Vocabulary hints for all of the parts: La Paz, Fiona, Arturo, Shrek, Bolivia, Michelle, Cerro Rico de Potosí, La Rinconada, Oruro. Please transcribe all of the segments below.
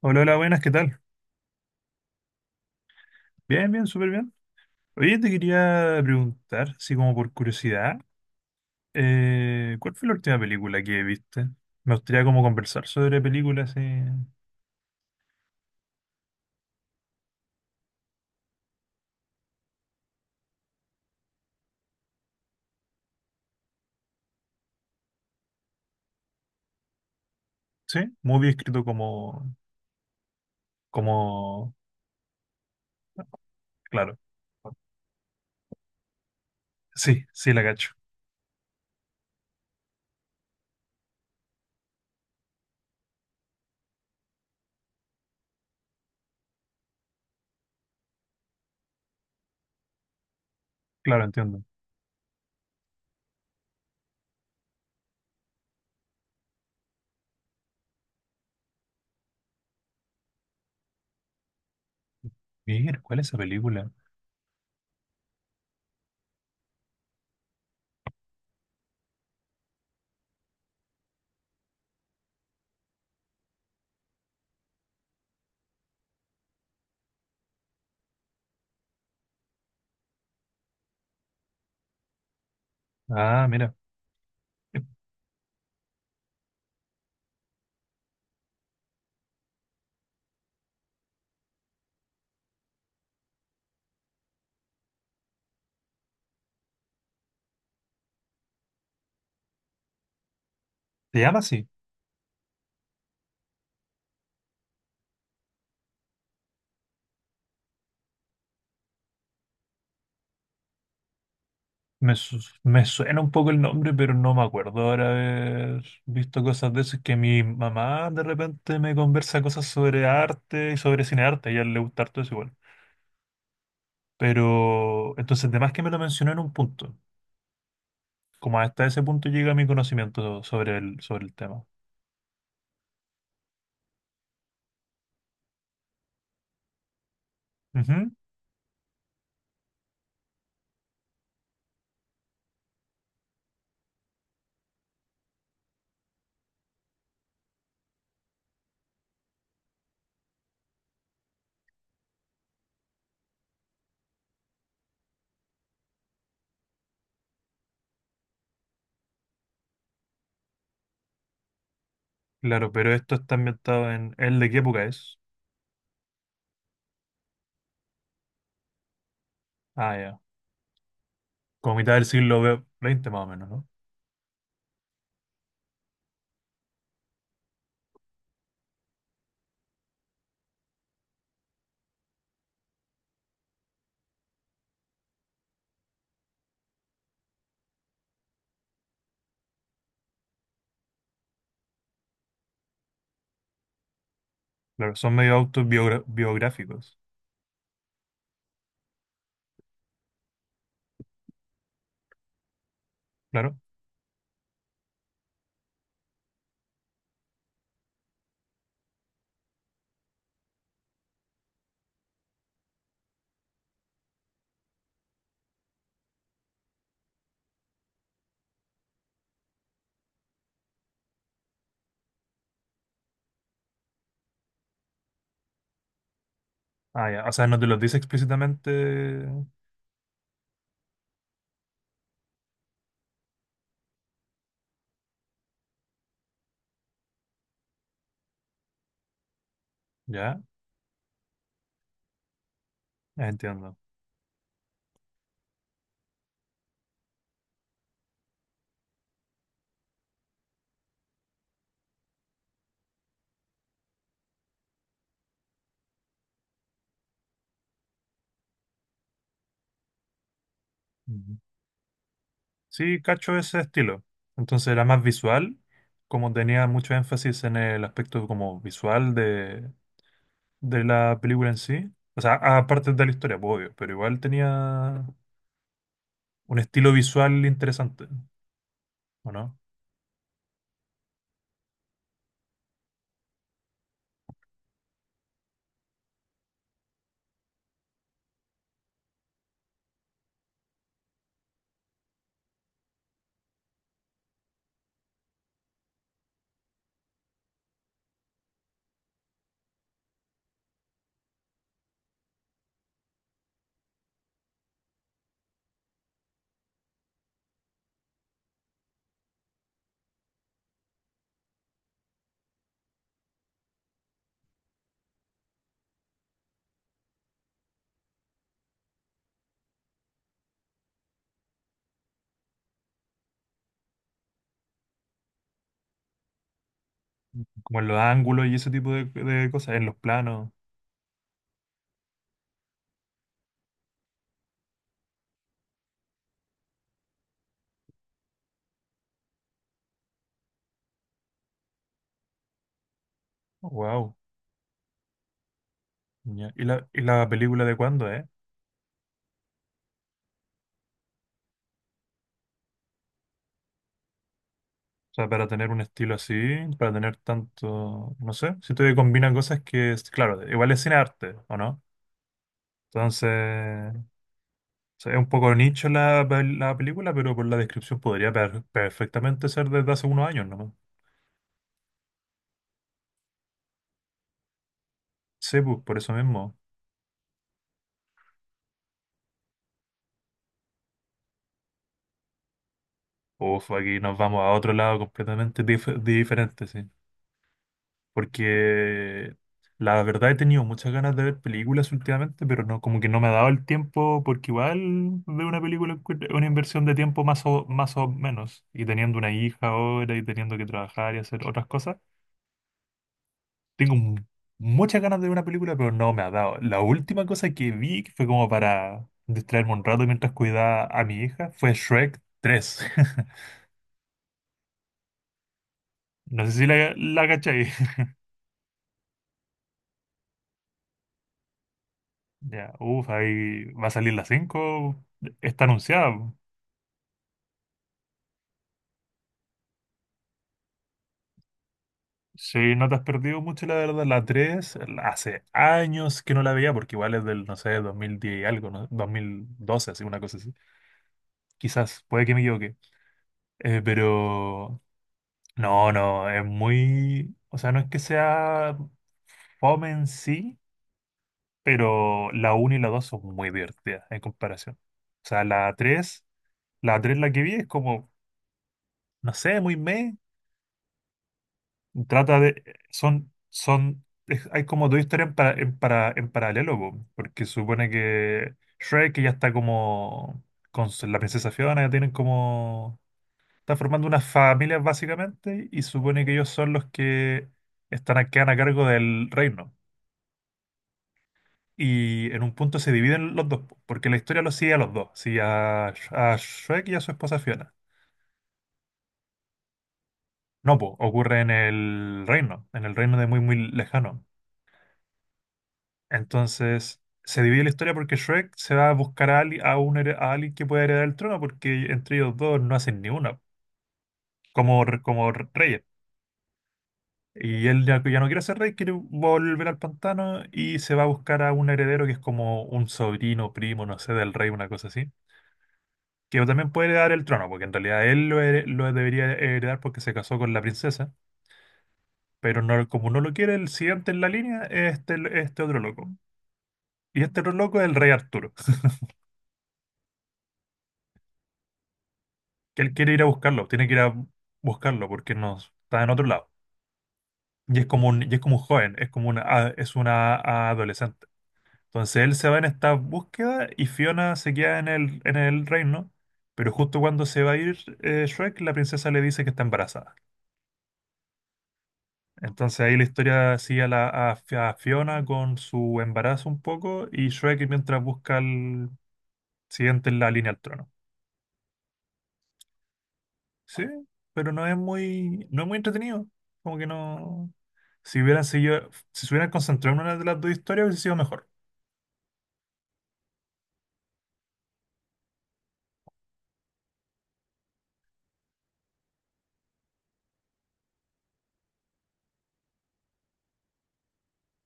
Hola, hola, buenas, ¿qué tal? Bien, bien, súper bien. Oye, te quería preguntar, así como por curiosidad, ¿cuál fue la última película que viste? Me gustaría como conversar sobre películas, ¿sí? Muy bien escrito como, claro, sí, sí, la cacho. Claro, entiendo. Mira, ¿cuál es esa película? Ah, mira, ¿te llama así? Me suena un poco el nombre, pero no me acuerdo ahora haber visto cosas de eso. Es que mi mamá de repente me conversa cosas sobre arte y sobre cine arte, a ella le gusta harto eso igual. Pero entonces, además que me lo mencionó en un punto, como hasta ese punto llega mi conocimiento sobre el tema. Ujú. Claro, pero esto está ambientado en, ¿el de qué época es? Ah, ya. Como mitad del siglo XX más o menos, ¿no? Claro, son medio autobiográficos, claro. Ah, ya. O sea, no te los dice explícitamente. Ya, entiendo. Ujú. Sí, cacho ese estilo. Entonces era más visual, como tenía mucho énfasis en el aspecto como visual de la película en sí. O sea, aparte de la historia, pues, obvio, pero igual tenía un estilo visual interesante, ¿o no? Como en los ángulos y ese tipo de cosas, en los planos. Wow. ¿Y la película de cuándo? O sea, para tener un estilo así, para tener tanto, no sé, siento que combina cosas que, claro, igual es cine arte, ¿o no? Entonces, o sea, es un poco nicho la película, pero por la descripción podría perfectamente ser desde hace unos años nomás. Sí, pues por eso mismo. Uf, aquí nos vamos a otro lado completamente diferente, sí. Porque la verdad he tenido muchas ganas de ver películas últimamente, pero no, como que no me ha dado el tiempo, porque igual ver una película es una inversión de tiempo más o menos. Y teniendo una hija ahora y teniendo que trabajar y hacer otras cosas. Tengo muchas ganas de ver una película, pero no me ha dado. La última cosa que vi, que fue como para distraerme un rato mientras cuidaba a mi hija, fue Shrek 3. No sé si la cachai. Ya, uff, ahí va a salir la 5. Está anunciada. Sí, no te has perdido mucho, la verdad. La 3, hace años que no la veía, porque igual es del, no sé, 2010 y algo, ¿no? 2012, así, una cosa así. Quizás, puede que me equivoque. Pero no, no, es muy, o sea, no es que sea fome en sí, pero la uno y la 2 son muy divertidas en comparación. O sea, la tres la que vi es como, no sé, muy meh, trata de, son, son, es- hay como dos historias en paralelo, po, porque supone que Shrek que ya está como, con la princesa Fiona, ya tienen como, está formando unas familias básicamente, y supone que ellos son los que quedan a cargo del reino. Y en un punto se dividen los dos, po, porque la historia los sigue a los dos, sigue a Shrek y a su esposa Fiona. No, pues ocurre en el reino de muy, muy lejano. Entonces, se divide la historia porque Shrek se va a buscar a, ali- a, un here- a alguien que pueda heredar el trono, porque entre ellos dos no hacen ni una, como reyes. Y él ya no quiere ser rey, quiere volver al pantano y se va a buscar a un heredero que es como un sobrino, primo, no sé, del rey, una cosa así. Que también puede heredar el trono, porque en realidad él lo debería heredar porque se casó con la princesa, pero no, como no lo quiere, el siguiente en la línea es este otro loco. Y este otro loco es el rey Arturo, que él quiere ir a buscarlo, tiene que ir a buscarlo porque no está en otro lado. Y es como un joven, es como una, a- es una a- adolescente. Entonces él se va en esta búsqueda y Fiona se queda en el reino, pero justo cuando se va a ir Shrek, la princesa le dice que está embarazada. Entonces ahí la historia sigue a, la, a Fi- a Fiona con su embarazo un poco y Shrek mientras busca el siguiente en la línea al trono. Sí, pero no es muy entretenido. Como que no. Si hubieran seguido, si se hubieran concentrado en una de las dos historias hubiese sido mejor.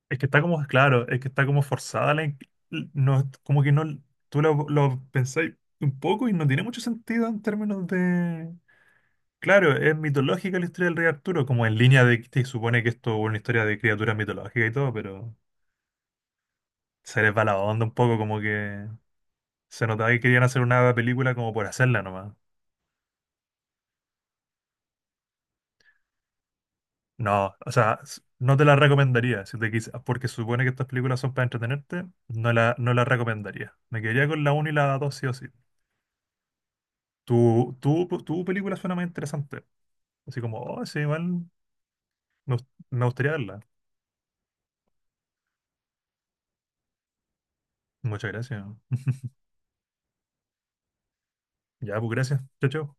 Es que está como, claro, es que está como forzada no, como que no, tú lo pensáis un poco y no tiene mucho sentido en términos de. Claro, es mitológica la historia del rey Arturo, como en línea de que se supone que esto es una historia de criaturas mitológicas y todo, pero se les va la onda un poco, como que se notaba que querían hacer una película como por hacerla nomás. No, o sea, no te la recomendaría, si porque supone que estas películas son para entretenerte, no la recomendaría. Me quedaría con la 1 y la 2 sí o sí. Tu película suena más interesante. Así como, oh, sí, igual me gustaría verla. Muchas gracias. Ya, pues gracias. Chao, chao.